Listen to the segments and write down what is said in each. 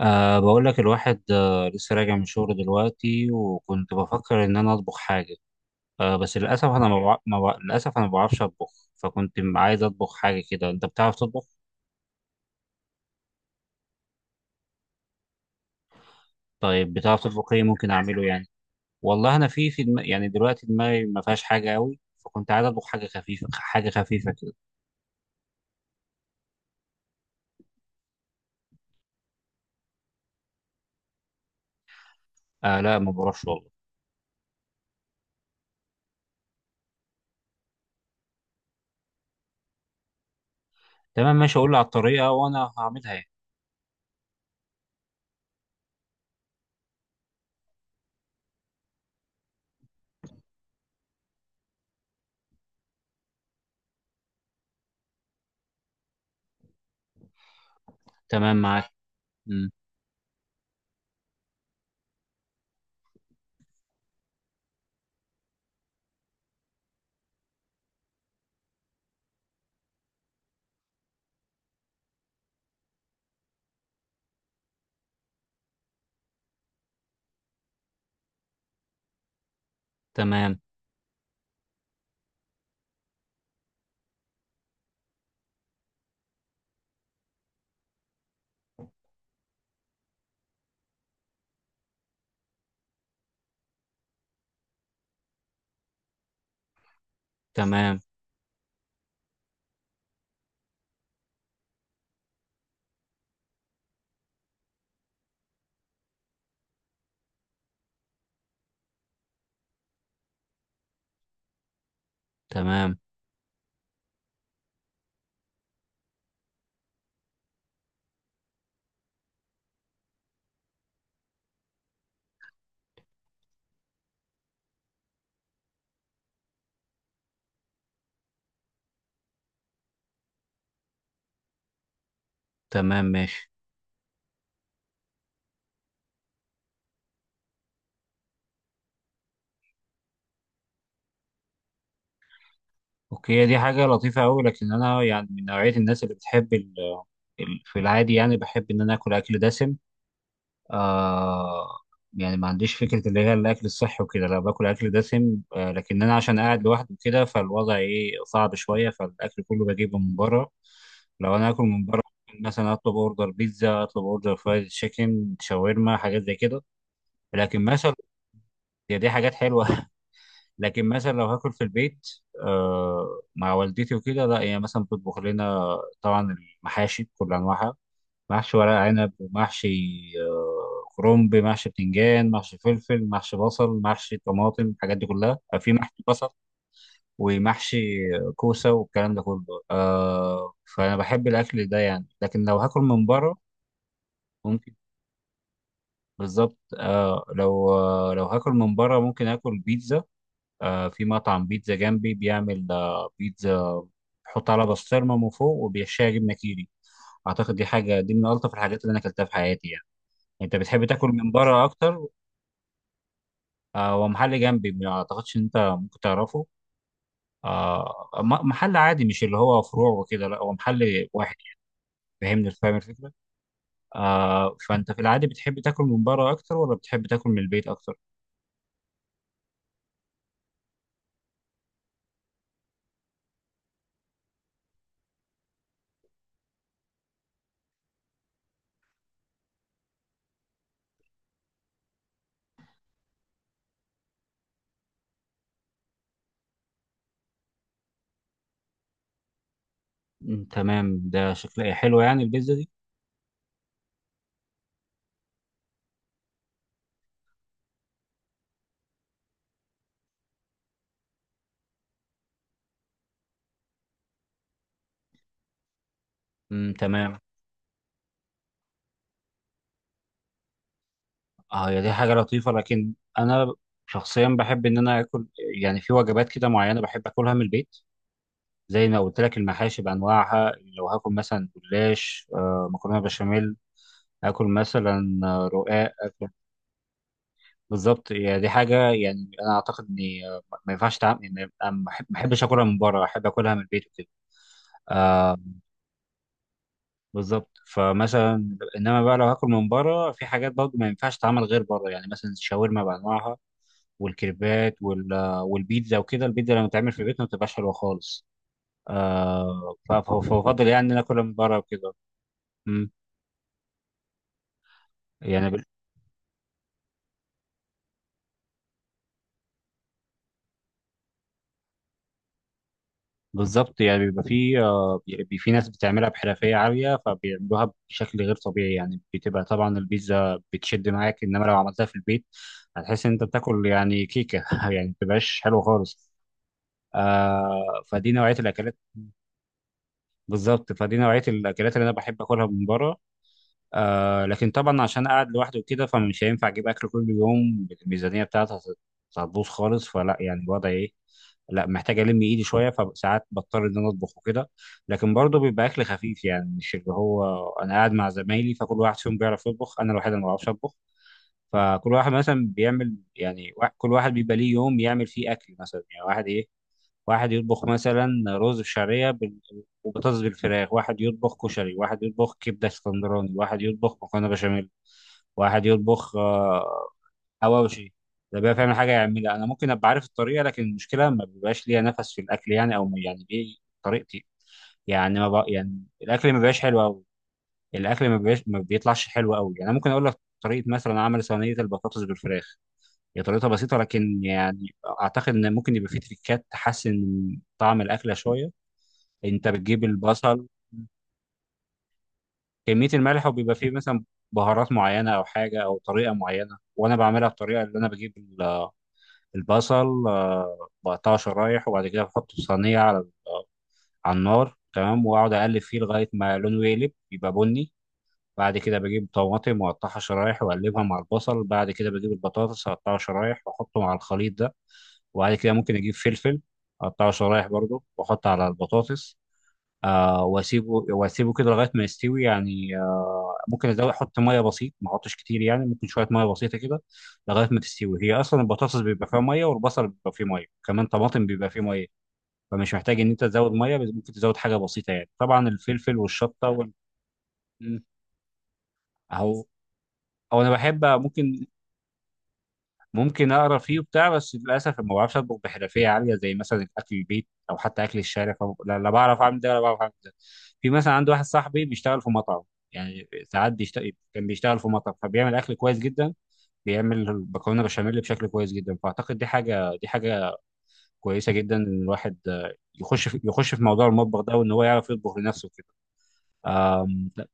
بقول لك الواحد لسه راجع من شغل دلوقتي وكنت بفكر إن أنا أطبخ حاجة. بس للأسف أنا ما بع... ما بع... للأسف أنا ما بعرفش أطبخ. فكنت عايز أطبخ حاجة كده. أنت بتعرف تطبخ؟ طيب بتعرف تطبخ إيه ممكن أعمله يعني؟ والله أنا يعني دلوقتي دماغي ما فيهاش حاجة أوي، فكنت عايز أطبخ حاجة خفيفة، حاجة خفيفة كده. لا، ما بعرفش والله. تمام ماشي، أقول لي على الطريقة وأنا هعملها يعني. تمام معاك. مم. تمام، تمام، تمام، تمام ماشي. اوكي، هي دي حاجة لطيفة أوي، لكن أنا يعني من نوعية الناس اللي بتحب ال في العادي، يعني بحب إن أنا آكل أكل دسم. آه يعني ما عنديش فكرة اللي هي الأكل الصحي وكده، لا باكل أكل دسم. لكن أنا عشان قاعد لوحدي كده فالوضع إيه صعب شوية، فالأكل كله بجيبه من بره. لو أنا آكل من بره ممكن مثلا أطلب أوردر بيتزا، أطلب أوردر فرايد تشيكن، شاورما، حاجات زي كده. لكن مثلا هي دي حاجات حلوة لكن مثلا لو هاكل في البيت، مع والدتي وكده، لا هي مثلا بتطبخ لنا، طبعا، المحاشي بكل انواعها، محشي ورق عنب ومحشي كرنب، محشي بتنجان، محشي فلفل، محشي بصل، محشي طماطم، الحاجات دي كلها، في محشي بصل ومحشي كوسه والكلام ده كله. فانا بحب الاكل ده يعني، لكن لو هاكل من بره ممكن. بالظبط. لو هاكل من بره ممكن اكل بيتزا. في مطعم بيتزا جنبي بيعمل بيتزا، بيحط على بسطرمه من فوق وبيحشيها جبنه كيري. اعتقد دي حاجه، دي من الطف الحاجات اللي انا اكلتها في حياتي يعني. انت بتحب تاكل من بره اكتر؟ ومحل جنبي، ما اعتقدش ان انت ممكن تعرفه. محل عادي، مش اللي هو فروع وكده، لا هو محل واحد يعني. فاهمني، فاهم الفكره. فانت في العادي بتحب تاكل من بره اكتر ولا بتحب تاكل من البيت اكتر؟ مم، تمام، ده شكلها حلو يعني البيتزا دي. مم، تمام. اه، هي دي حاجه لطيفه لكن انا شخصيا بحب ان انا اكل، يعني في وجبات كده معينه بحب اكلها من البيت، زي ما قلت لك، المحاشي بانواعها. لو هاكل مثلا جلاش، مكرونه بشاميل، هاكل مثلا رقاق أكل. بالظبط، يعني دي حاجه يعني انا اعتقد اني، ما ينفعش تعمل، يعني ما احبش اكلها من بره، احب اكلها من البيت وكده. آه بالظبط. فمثلا انما بقى لو هاكل من بره في حاجات برضه ما ينفعش تتعمل غير بره، يعني مثلا الشاورما بانواعها والكريبات والبيتزا وكده، البيتزا لما تعمل في البيت ما بتبقاش حلوه خالص. فبفضل يعني ان انا اكلها من بره وكده. مم. يعني بالظبط، يعني بيبقى في بيبقى في ناس بتعملها بحرفية عالية، فبيعملوها بشكل غير طبيعي يعني، بتبقى طبعا البيتزا بتشد معاك، انما لو عملتها في البيت هتحس ان انت بتاكل يعني كيكة يعني ما بتبقاش حلوة خالص. آه فدي نوعية الأكلات. بالظبط، فدي نوعية الأكلات اللي أنا بحب أكلها من بره. لكن طبعا عشان قاعد لوحدي وكده، فمش هينفع أجيب أكل كل يوم، الميزانية بتاعتي هتبوظ خالص، فلا يعني الوضع إيه، لا محتاج الم ايدي شويه، فساعات بضطر ان انا اطبخ وكده. لكن برضه بيبقى اكل خفيف، يعني مش اللي هو، انا قاعد مع زمايلي فكل واحد فيهم بيعرف يطبخ، انا الوحيد اللي ما بعرفش اطبخ. فكل واحد مثلا بيعمل يعني كل واحد بيبقى ليه يوم يعمل فيه اكل مثلا، يعني واحد ايه، واحد يطبخ مثلا رز بشعريه وبطاطس بالفراخ، واحد يطبخ كشري، واحد يطبخ كبده اسكندراني، واحد يطبخ مكرونه بشاميل، واحد يطبخ حواوشي. ده بقى فعلا حاجه يعملها، انا ممكن ابقى عارف الطريقه، لكن المشكله ما بيبقاش ليا نفس في الاكل يعني، او ما، يعني ايه طريقتي، يعني ما بق... يعني الاكل ما بيبقاش حلو قوي، الاكل ما بيبقاش، ما بيطلعش حلو قوي يعني. أنا ممكن اقول لك طريقه مثلا عمل صينيه البطاطس بالفراخ، هي طريقتها بسيطه لكن يعني اعتقد ان ممكن يبقى فيه تريكات تحسن من طعم الاكله شويه. انت بتجيب البصل، كميه الملح، وبيبقى فيه مثلا بهارات معينه او حاجه او طريقه معينه، وانا بعملها بطريقه اللي انا بجيب البصل، بقطعه شرايح، وبعد كده بحطه في صينية على على النار، تمام، وأقعد أقلب فيه لغاية ما لونه يقلب يبقى بني. بعد كده بجيب طماطم وأقطعها شرايح وأقلبها مع البصل، بعد كده بجيب البطاطس أقطعها شرايح وأحطه مع الخليط ده، وبعد كده ممكن أجيب فلفل أقطعه شرايح برضه وأحطه على البطاطس. واسيبه واسيبه كده لغايه ما يستوي يعني، ممكن ازود احط ميه بسيط، ما احطش كتير يعني، ممكن شويه ميه بسيطه كده لغايه ما تستوي، هي اصلا البطاطس بيبقى فيها ميه، والبصل بيبقى فيه ميه كمان، طماطم بيبقى فيه ميه، فمش محتاج ان انت تزود ميه، بس ممكن تزود حاجه بسيطه يعني، طبعا الفلفل والشطه وال... م. اهو. او انا بحب، ممكن اقرا فيه وبتاع، بس للاسف ما بعرفش اطبخ بحرفيه عاليه زي مثلا اكل البيت او حتى اكل الشارع. لا, لا بعرف اعمل ده ولا بعرف اعمل ده. في مثلا عندي واحد صاحبي بيشتغل في مطعم، يعني ساعات بيشتغل، كان بيشتغل في مطعم فبيعمل اكل كويس جدا، بيعمل المكرونه بشاميل بشكل كويس جدا، فاعتقد دي حاجه، دي حاجه كويسه جدا ان الواحد يخش في موضوع المطبخ ده وان هو يعرف يطبخ لنفسه كده. لا،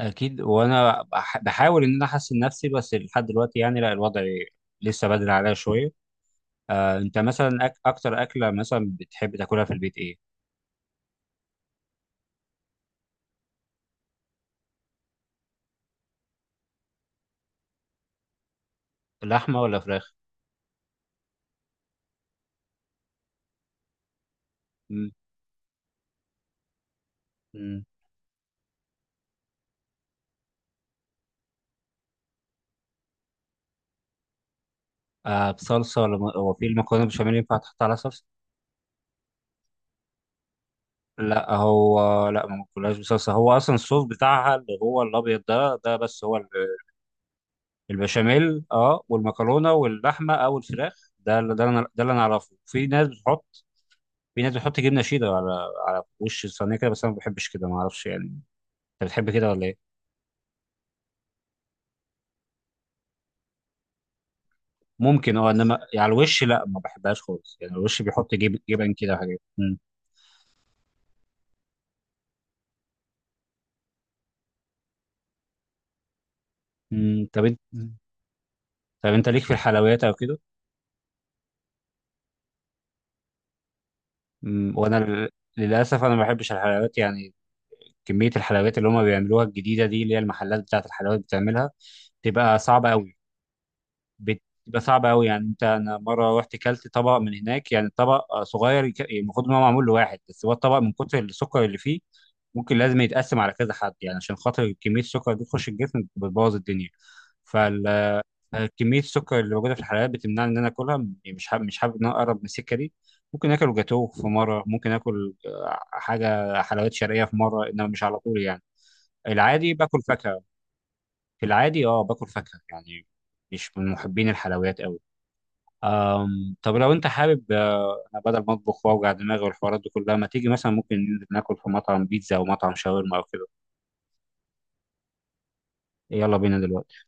اكيد. وانا بحاول ان انا احسن نفسي، بس لحد دلوقتي يعني لا، الوضع لسه بدري عليا شويه. انت مثلا اكتر اكله مثلا بتحب تاكلها في البيت ايه؟ لحمه ولا فراخ؟ مم. مم. بصلصه ولا هو في المكرونه بالبشاميل ينفع تحط على صلصه؟ لا هو لا، ما باكلهاش بصلصه، هو اصلا الصوص بتاعها اللي هو الابيض ده بس، هو البشاميل، اه، والمكرونه واللحمه او الفراخ، ده اللي انا اعرفه. في ناس بتحط جبنه شيدر على على وش الصينيه كده، بس انا ما بحبش كده، ما اعرفش يعني. انت بتحب كده ولا ايه؟ ممكن، اه، انما يعني على الوش لا، ما بحبهاش خالص يعني، الوش بيحط جبن كده وحاجات. مم. مم. طب انت ليك في الحلويات او كده؟ مم. وانا للاسف انا ما بحبش الحلويات يعني. كميه الحلويات اللي هم بيعملوها الجديده دي، اللي هي المحلات بتاعه الحلويات بتعملها، تبقى صعبه قوي، بتبقى صعبه قوي يعني. انت، انا مره رحت كلت طبق من هناك، يعني الطبق صغير، المفروض ان هو معمول لواحد بس، هو الطبق من كتر السكر اللي فيه ممكن لازم يتقسم على كذا حد، يعني عشان خاطر كميه السكر دي تخش الجسم بتبوظ الدنيا. كميه السكر اللي موجوده في الحلويات بتمنعني ان انا اكلها، مش حابب، مش حابب ان انا اقرب من السكه دي. ممكن اكل جاتوه في مره، ممكن اكل حاجه حلويات شرقيه في مره، انما مش على طول يعني، العادي باكل فاكهه، في العادي اه، باكل فاكهه يعني، مش من محبين الحلويات قوي. طب لو انت حابب، انا بدل ما اطبخ واوجع دماغي والحوارات دي كلها، ما تيجي مثلا ممكن ننزل ناكل في مطعم بيتزا او مطعم شاورما او كده؟ يلا بينا دلوقتي.